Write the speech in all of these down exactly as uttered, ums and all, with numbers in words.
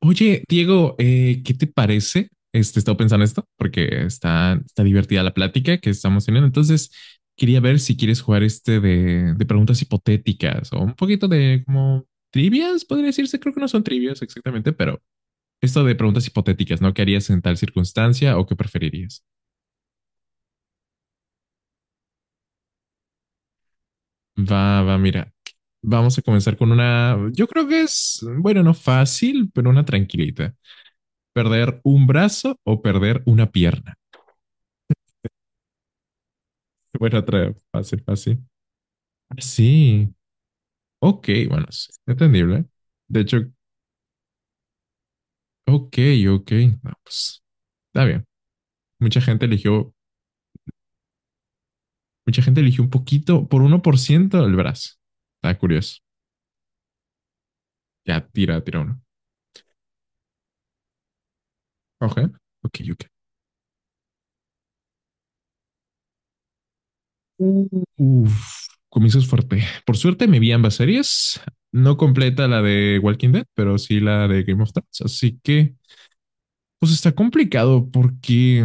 Oye, Diego, eh, ¿qué te parece? Este, estaba pensando esto porque está, está divertida la plática que estamos teniendo. Entonces, quería ver si quieres jugar este de, de preguntas hipotéticas o un poquito de como trivias, podría decirse. Creo que no son trivias exactamente, pero esto de preguntas hipotéticas, ¿no? ¿Qué harías en tal circunstancia o qué preferirías? Va, va, mira. Vamos a comenzar con una, yo creo que es, bueno, no fácil, pero una tranquilita. ¿Perder un brazo o perder una pierna? Bueno, otra vez. Fácil, fácil. Ah, sí. Ok, bueno, sí. Entendible. De hecho, ok, ok. No, pues, está bien. Mucha gente eligió, mucha gente eligió un poquito, por uno por ciento el brazo. Está curioso. Ya, tira, tira uno. Ok, ok, ok. Uf, comienzas fuerte. Por suerte me vi ambas series. No completa la de Walking Dead, pero sí la de Game of Thrones. Así que, pues está complicado porque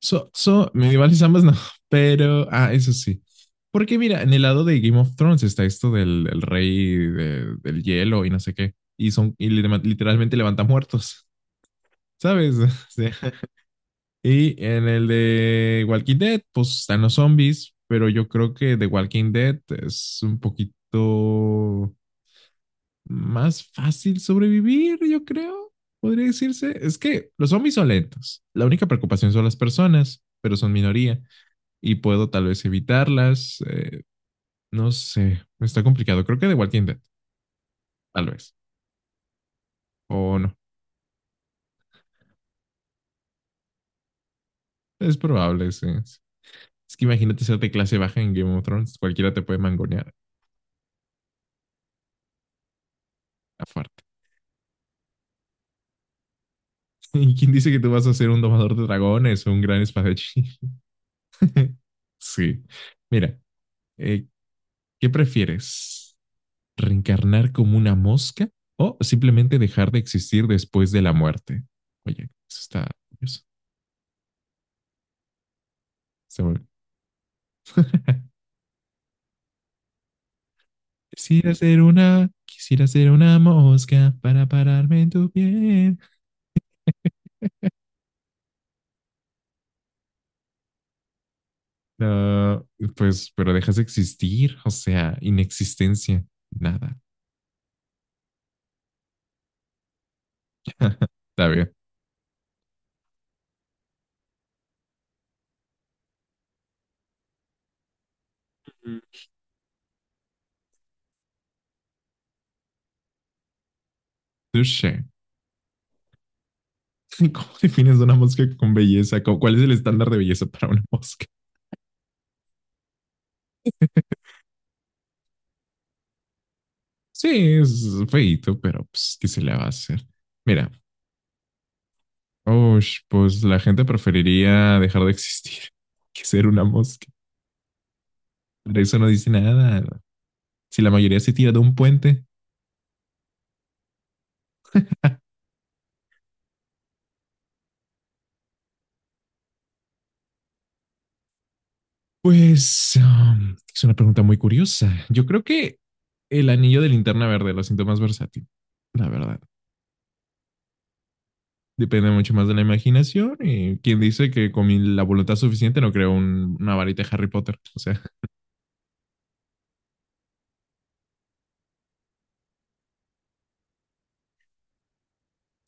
So, so, medievales ambas, no, pero, ah, eso sí. Porque mira, en el lado de Game of Thrones está esto del, del rey de- del hielo y no sé qué. Y son, y li- literalmente levanta muertos, ¿sabes? O sea, y en el de Walking Dead, pues están los zombies, pero yo creo que The Walking Dead es un poquito más fácil sobrevivir, yo creo, podría decirse. Es que los zombies son lentos. La única preocupación son las personas, pero son minoría y puedo tal vez evitarlas. Eh, no sé, está complicado. Creo que de Walking Dead, tal vez. O no, es probable. Sí, sí. Es que imagínate ser de clase baja en Game of Thrones, cualquiera te puede mangonear a fuerte. ¿Y quién dice que tú vas a ser un domador de dragones o un gran espadachín? Sí. Mira, eh, ¿qué prefieres? ¿Reencarnar como una mosca o simplemente dejar de existir después de la muerte? Oye, eso está curioso. Está bueno. Quisiera ser una, quisiera ser una mosca para pararme en tu piel. Ah, pues, pero dejas de existir, o sea, inexistencia, nada. Está bien. Mm. Touché. ¿Cómo defines una mosca con belleza? ¿Cómo- ¿Cuál es el estándar de belleza para una mosca? Sí, es feíto, pero pues, ¿qué se le va a hacer? Mira, ush, pues la gente preferiría dejar de existir que ser una mosca. Pero eso no dice nada. Si la mayoría se tira de un puente, pues um, es una pregunta muy curiosa. Yo creo que el anillo de linterna verde lo siento más versátil, la verdad. Depende mucho más de la imaginación y quien dice que con mi- la voluntad suficiente no creo un- una varita de Harry Potter. O sea,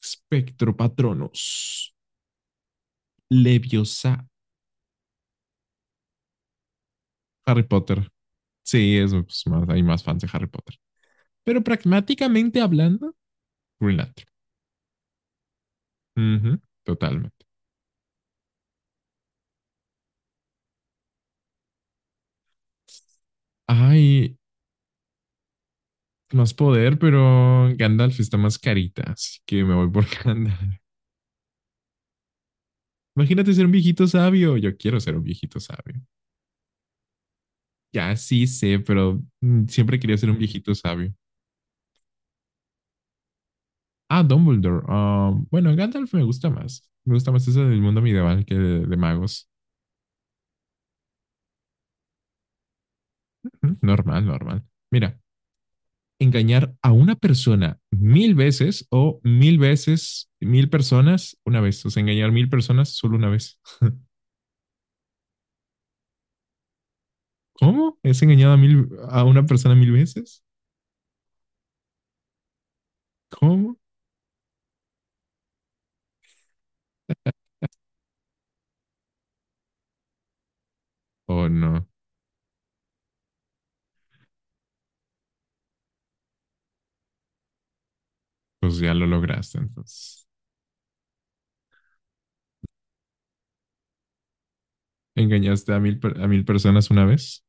espectro, patronos, leviosa, Harry Potter. Sí, es pues, más, hay más fans de Harry Potter. Pero pragmáticamente hablando, Green Lantern. Ujú, totalmente. Ay, más poder, pero Gandalf está más carita, así que me voy por Gandalf. Imagínate ser un viejito sabio. Yo quiero ser un viejito sabio. Ya sí sé, pero mm, siempre quería ser un viejito sabio. Ah, Dumbledore. Ah, bueno, Gandalf me gusta más. Me gusta más eso del mundo medieval que de, de magos. Ujú, normal, normal. Mira, engañar a una persona mil veces o mil veces, mil personas una vez. O sea, engañar mil personas solo una vez. ¿Cómo? ¿Es engañado a mil, a una persona mil veces? ¿Cómo? O no, pues ya lo lograste, entonces. ¿Engañaste a mil, per- a mil personas una vez?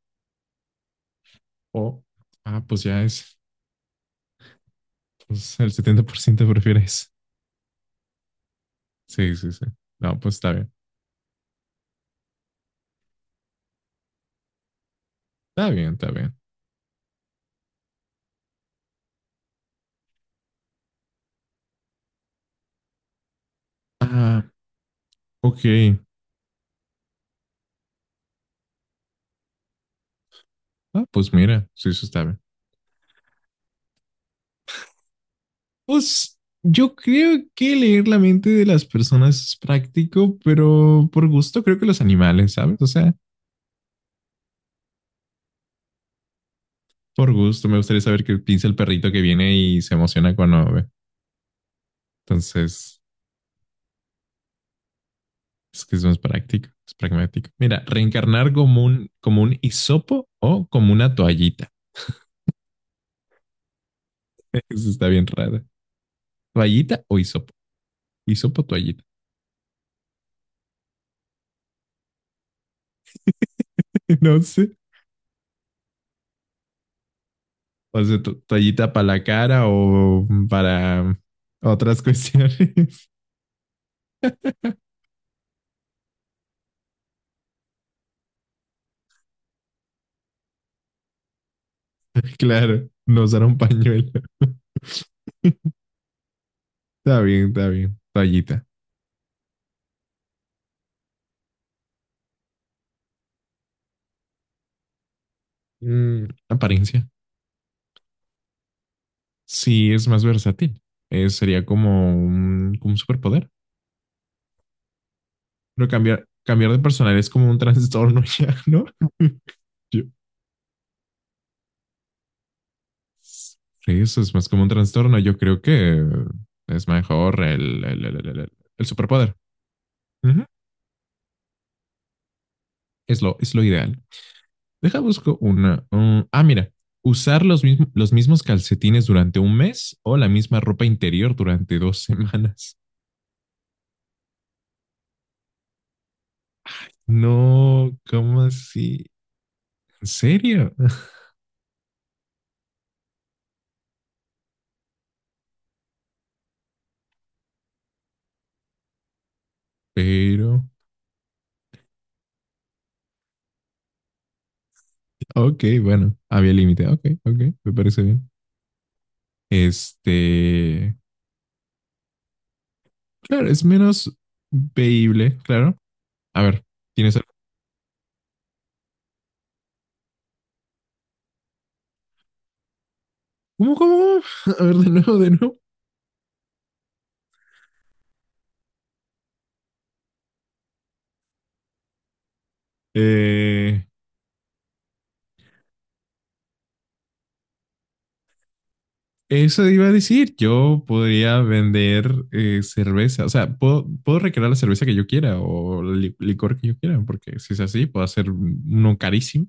O, ah, pues ya es, pues el setenta por ciento prefiere eso. Sí, sí, sí. No, pues está bien. Está bien, está bien. Ah, ok. Ah, pues mira, sí, eso está bien. Pues yo creo que leer la mente de las personas es práctico, pero por gusto creo que los animales, ¿sabes? O sea, por gusto. Me gustaría saber qué piensa el perrito que viene y se emociona cuando ve. Entonces, es que es más práctico, es pragmático. Mira, reencarnar como un, como un hisopo o como una toallita. Eso está bien raro. ¿Toallita o hisopo? Hisopo, toallita. No sé. O sea, to- toallita para la cara o para otras cuestiones. Claro, no usar un pañuelo. Está bien, está bien. Toallita. Mm, apariencia. Sí, es más versátil. Eh, sería como un, como un superpoder. Pero cambiar, cambiar de personal es como un trastorno ya, ¿no? Yo- Sí, eso es más como un trastorno. Yo creo que es mejor el, el, el, el- el- el superpoder. Ujú. Es lo, es lo ideal. Deja, busco una. Mm, ah, mira. Usar los mismos, los mismos calcetines durante un mes o la misma ropa interior durante dos semanas. No, ¿cómo así? ¿En serio? Pero, ok, bueno, había límite. Ok, ok, me parece bien. Este, claro, es menos veíble, claro. A ver, ¿tienes ¿cómo, cómo? ¿Cómo? A ver, de nuevo, de nuevo. Eh, eso iba a decir, yo podría vender eh, cerveza, o sea, puedo, puedo recrear la cerveza que yo quiera o el li- licor que yo quiera, porque si es así, puedo hacer uno carísimo,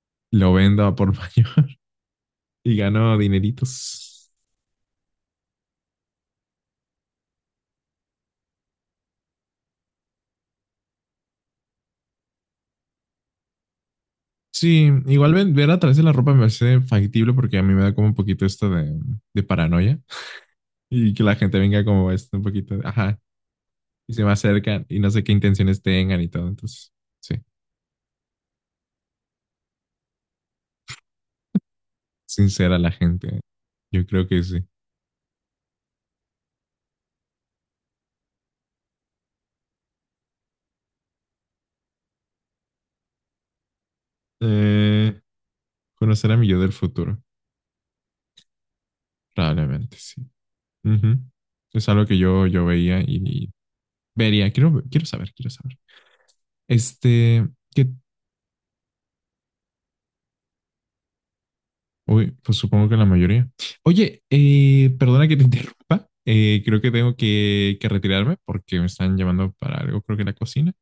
lo vendo a por mayor y gano dineritos. Sí, igual ven- ver a través de la ropa me parece factible porque a mí me da como un poquito esto de, de paranoia y que la gente venga como esto un poquito, ajá, y se me acercan y no sé qué intenciones tengan y todo, entonces, sí. Sincera la gente. Yo creo que sí. Eh, conocer a mi yo del futuro. Probablemente sí. Ujú. Es algo que yo, yo veía y, y vería. Quiero, quiero saber, quiero saber. Este, que, uy, pues supongo que la mayoría. Oye, eh, perdona que te interrumpa. Eh, creo que tengo que, que retirarme porque me están llamando para algo, creo que la cocina.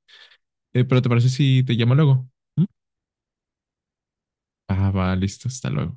Eh, pero ¿te parece si te llamo luego? ¿Mm? Ah, va, listo, hasta luego.